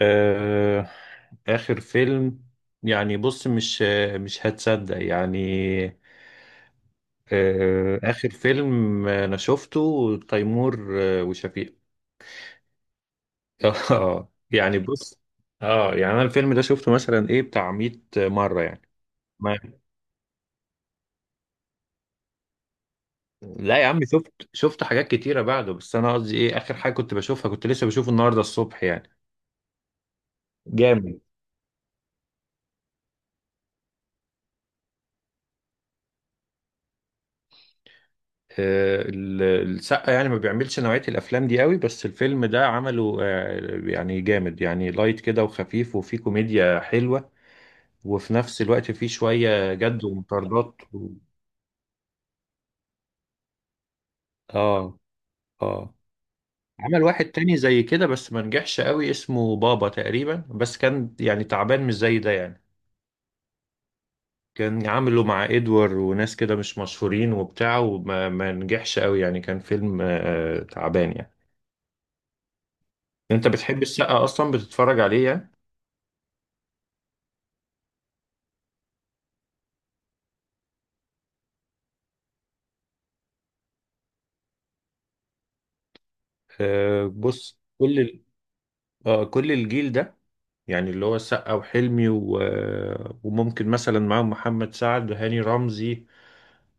آه، آخر فيلم. يعني بص مش هتصدق يعني. آه، آخر فيلم أنا شفته تيمور وشفيقة. آه، يعني بص. اه، يعني أنا الفيلم ده شفته مثلا إيه بتاع 100 مرة يعني. ما لا يا عم، شفت حاجات كتيرة بعده، بس أنا قصدي إيه آخر حاجة كنت بشوفها، كنت لسه بشوفه النهاردة الصبح يعني. جامد. آه، السقا يعني ما بيعملش نوعية الأفلام دي قوي، بس الفيلم ده عمله، يعني جامد يعني لايت كده وخفيف وفيه كوميديا حلوة. وفي نفس الوقت فيه شوية جد ومطاردات و. اه. اه. عمل واحد تاني زي كده بس ما نجحش قوي، اسمه بابا تقريبا، بس كان يعني تعبان مش زي ده يعني. كان عامله مع ادوار وناس كده مش مشهورين وبتاع، وما ما نجحش قوي يعني، كان فيلم تعبان يعني. انت بتحب السقا اصلا؟ بتتفرج عليه يعني؟ آه، بص، كل ال- آه، كل الجيل ده، يعني اللي هو السقا وحلمي وممكن مثلا معاهم محمد سعد وهاني رمزي.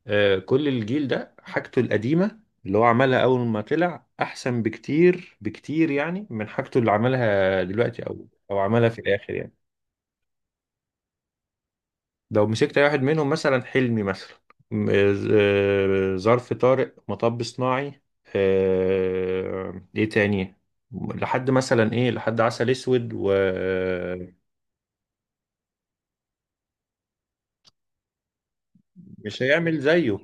آه، كل الجيل ده حاجته القديمة اللي هو عملها أول ما طلع أحسن بكتير بكتير يعني، من حاجته اللي عملها دلوقتي أو عملها في الآخر يعني. لو مسكت اي واحد منهم مثلا حلمي مثلا ظرف طارق، مطب صناعي، ايه تاني، لحد مثلا ايه لحد عسل اسود، ومش هيعمل زيه.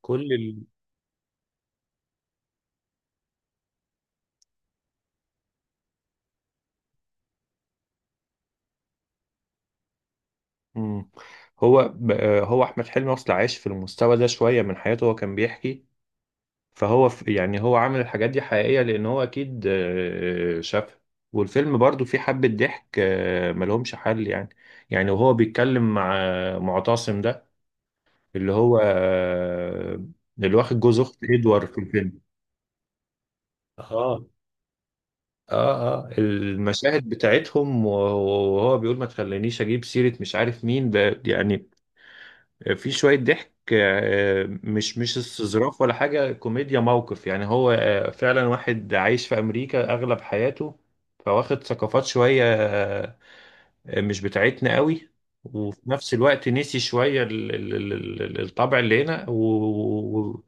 كل ال... مم. هو ب- آه، هو احمد حلمي اصلا عايش في المستوى ده شويه من حياته، هو كان بيحكي. يعني هو عامل الحاجات دي حقيقية، لأن هو أكيد شافها. والفيلم برضو فيه حبة ضحك، ملهمش حل يعني. يعني وهو بيتكلم مع معتصم ده، اللي هو آه، اللي واخد جوز أخت إدوار في الفيلم. اه. اه. اه. المشاهد بتاعتهم وهو بيقول ما تخلينيش اجيب سيرة مش عارف مين يعني. في شوية ضحك، مش استظراف ولا حاجة، كوميديا موقف يعني هو فعلا واحد عايش في أمريكا أغلب حياته. فواخد ثقافات شوية مش بتاعتنا قوي. وفي نفس الوقت نسي شوية الطبع اللي هنا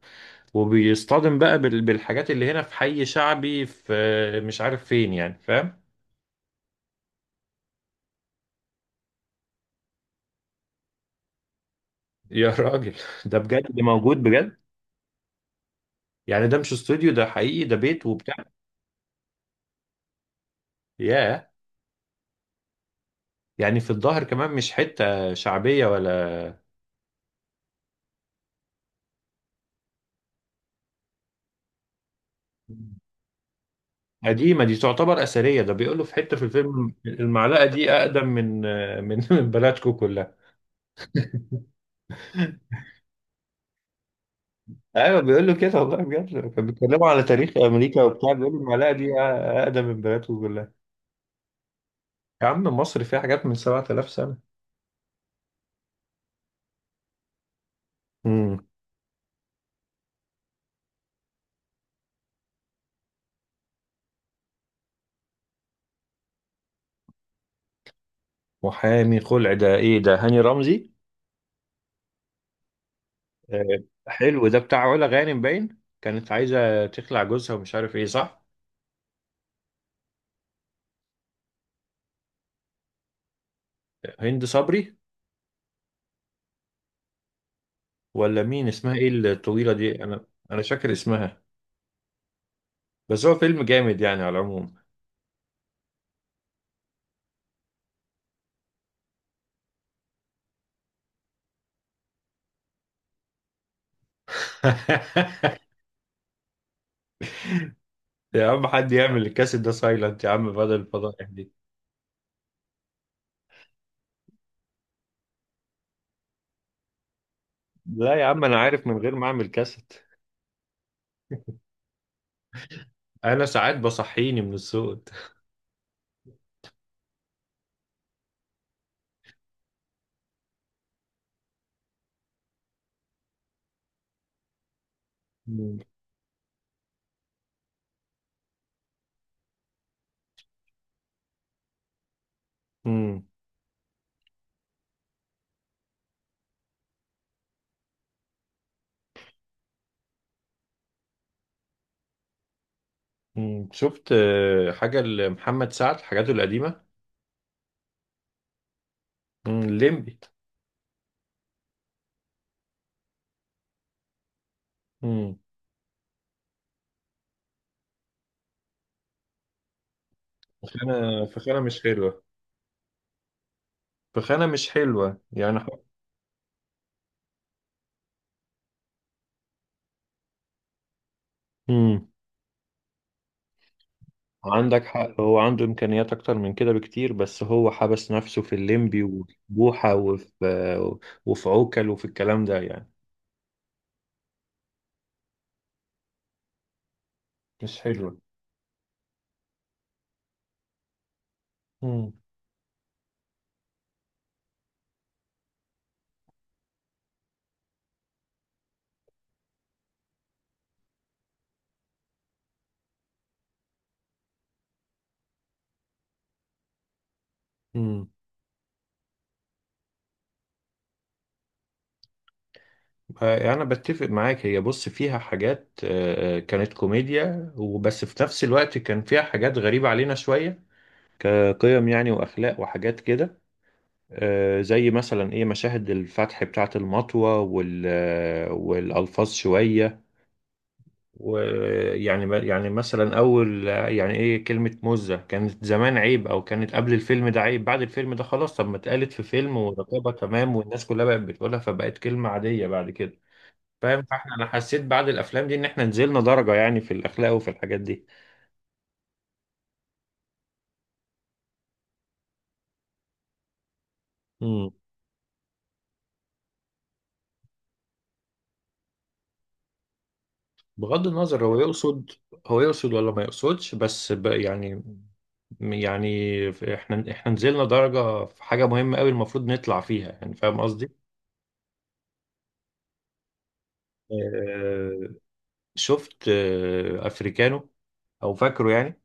وبيصطدم بقى بالحاجات اللي هنا في حي شعبي، في مش عارف فين يعني، فاهم؟ يا راجل! ده بجد، ده موجود بجد. يعني ده مش استوديو، ده حقيقي، ده بيت وبتاع. ياه. يعني في الظاهر كمان مش حتة شعبية ولا قديمة، دي تعتبر أثرية. ده بيقولوا في حتة في الفيلم المعلقة دي أقدم من من بلدكم كلها. أيوة بيقولوا كده والله بجد، كانوا بيتكلموا على تاريخ أمريكا وبتاع، بيقولوا المعلقة دي أقدم من بلدكم كلها. يا عم، مصر فيها حاجات من 7000 سنة. امم. محامي خلع، ده إيه ده، هاني رمزي؟ آه، حلو ده، بتاع علا غانم، باين كانت عايزة تخلع جوزها ومش عارف إيه، صح؟ هند صبري؟ ولا مين، اسمها ايه الطويلة دي، انا فاكر اسمها. بس هو فيلم جامد يعني على العموم. يا عم، حد يعمل الكاسيت ده سايلنت يا عم بدل الفضائح دي. لا يا عم، انا عارف من غير ما اعمل كاسيت، انا ساعات بصحيني من الصوت. مم. مم. مم. شفت حاجة لمحمد سعد حاجاته القديمة؟ مم. الليمبي. مم. فخانة فخانة مش حلوة. فخانة مش حلوة يعني. مم. عندك حق، هو عنده إمكانيات أكتر من كده بكتير، بس هو حبس نفسه في الليمبي وفي بوحة وفي عوكل وفي الكلام ده يعني، مش حلوة. مم. مم. آه، أنا بتفق معاك، هي بص فيها حاجات، كانت كوميديا وبس، في نفس الوقت كان فيها حاجات غريبة علينا شوية، كقيم يعني وأخلاق وحاجات كده. زي مثلا إيه مشاهد الفتح بتاعة المطوة والألفاظ شوية. ويعني مثلا اول يعني ايه، كلمة مزة كانت زمان عيب، او كانت قبل الفيلم ده عيب، بعد الفيلم ده خلاص، طب ما اتقالت في فيلم ورقابة تمام، والناس كلها بقت بتقولها فبقت كلمة عادية بعد كده. فاهم؟ فاحنا انا حسيت بعد الافلام دي ان احنا نزلنا درجة يعني في الاخلاق وفي الحاجات دي. امم. بغض النظر، هو يقصد ولا ما يقصدش بس يعني. يعني احنا نزلنا درجة في حاجة مهمة قوي المفروض نطلع فيها يعني، فاهم قصدي؟ شفت افريكانو، او فاكره يعني؟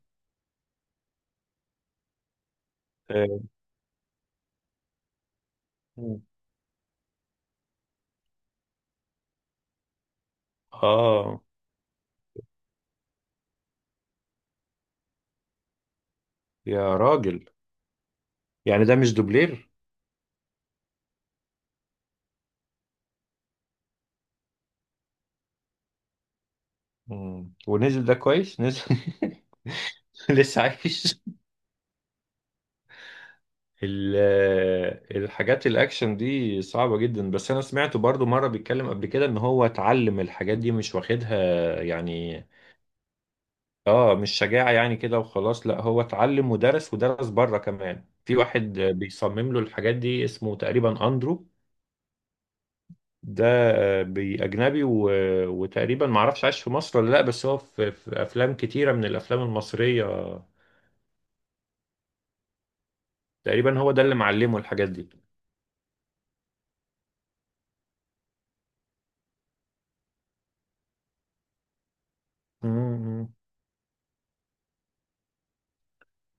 اه. مم. آه، يا راجل، يعني ده مش دوبلير؟ مم. ونزل، ده كويس نزل. لسه عايش. الحاجات الاكشن دي صعبة جدا، بس انا سمعته برضو مرة بيتكلم قبل كده ان هو اتعلم الحاجات دي، مش واخدها يعني. اه، مش شجاعة يعني كده وخلاص، لا هو اتعلم ودرس ودرس بره كمان، في واحد بيصمم له الحاجات دي اسمه تقريبا اندرو. ده بأجنبي وتقريبا معرفش عايش في مصر ولا لأ، بس هو في أفلام كتيرة من الأفلام المصرية. تقريبا هو ده اللي معلمه الحاجات دي. امم.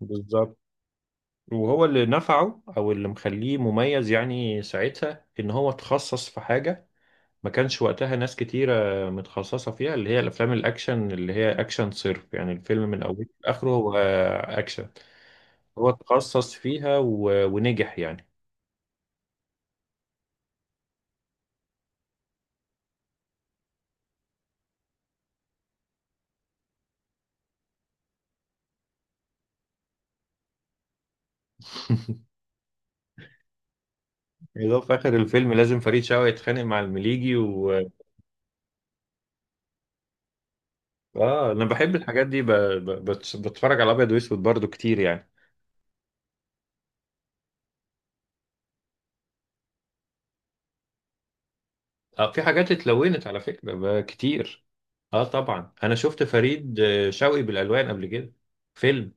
بالظبط. وهو اللي نفعه او اللي مخليه مميز يعني ساعتها ان هو اتخصص في حاجه، ما كانش وقتها ناس كتيره متخصصه فيها، اللي هي الافلام الاكشن، اللي هي اكشن صرف يعني، الفيلم من اوله لاخره هو اكشن. هو اتخصص فيها ونجح يعني. اللي هو في آخر الفيلم لازم فريد شوقي يتخانق مع المليجي و. آه، أنا بحب الحاجات دي، بتفرج على أبيض وأسود برضو كتير يعني. آه، في حاجات اتلونت على فكرة كتير. آه، طبعا أنا شفت فريد شوقي بالألوان قبل كده. فيلم.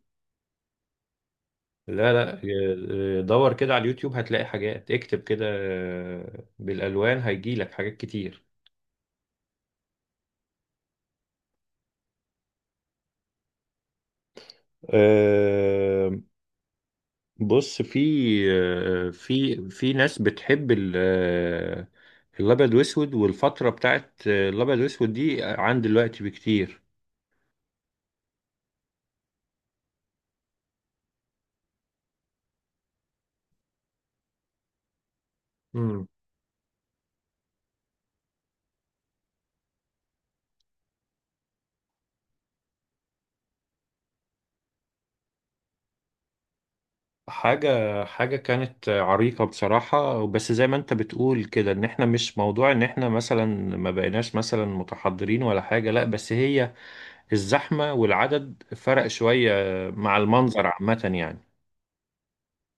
لا، لا، دور كده على اليوتيوب هتلاقي حاجات، اكتب كده بالألوان هيجيلك حاجات كتير. آه، بص في في ناس بتحب الابيض واسود، والفتره بتاعت الابيض واسود دي عن دلوقتي بكتير. امم. حاجه حاجه كانت عريقه بصراحه، بس زي ما انت بتقول كده، ان احنا مش موضوع ان احنا مثلا ما بقيناش مثلا متحضرين ولا حاجه، لا بس هي الزحمه والعدد فرق شويه مع المنظر عامه يعني.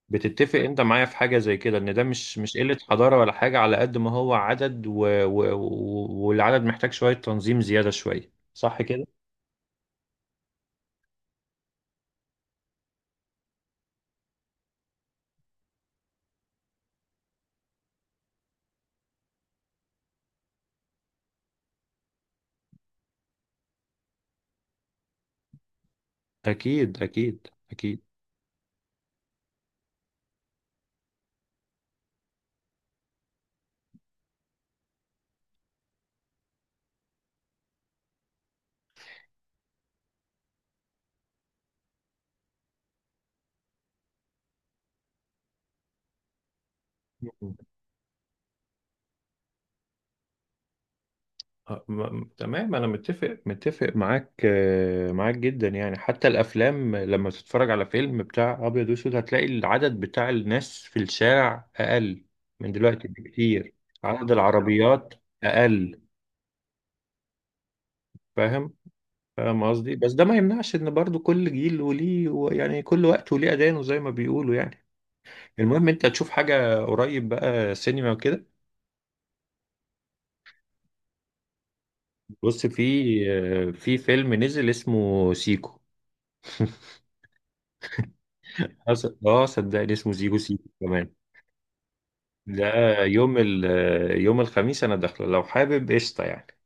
بتتفق انت معايا في حاجة زي كده، ان ده مش قلة حضارة ولا حاجة، على قد ما هو عدد والعدد محتاج شوية تنظيم زيادة شوية، صح كده؟ أكيد، أكيد، أكيد. م- تمام، أنا متفق معاك جدا يعني، حتى الأفلام لما تتفرج على فيلم بتاع أبيض وأسود هتلاقي العدد بتاع الناس في الشارع أقل من دلوقتي بكتير، عدد العربيات أقل، فاهم؟ فاهم قصدي؟ بس ده ما يمنعش ان برضو كل جيل وليه يعني كل وقت وليه اذانه زي ما بيقولوا يعني. المهم انت تشوف حاجة قريب بقى، سينما وكده؟ بص، في فيلم نزل اسمه سيكو. صدقني اسمه سيكو سيكو كمان. ده يوم ال يوم الخميس انا داخله، لو حابب قشطة يعني.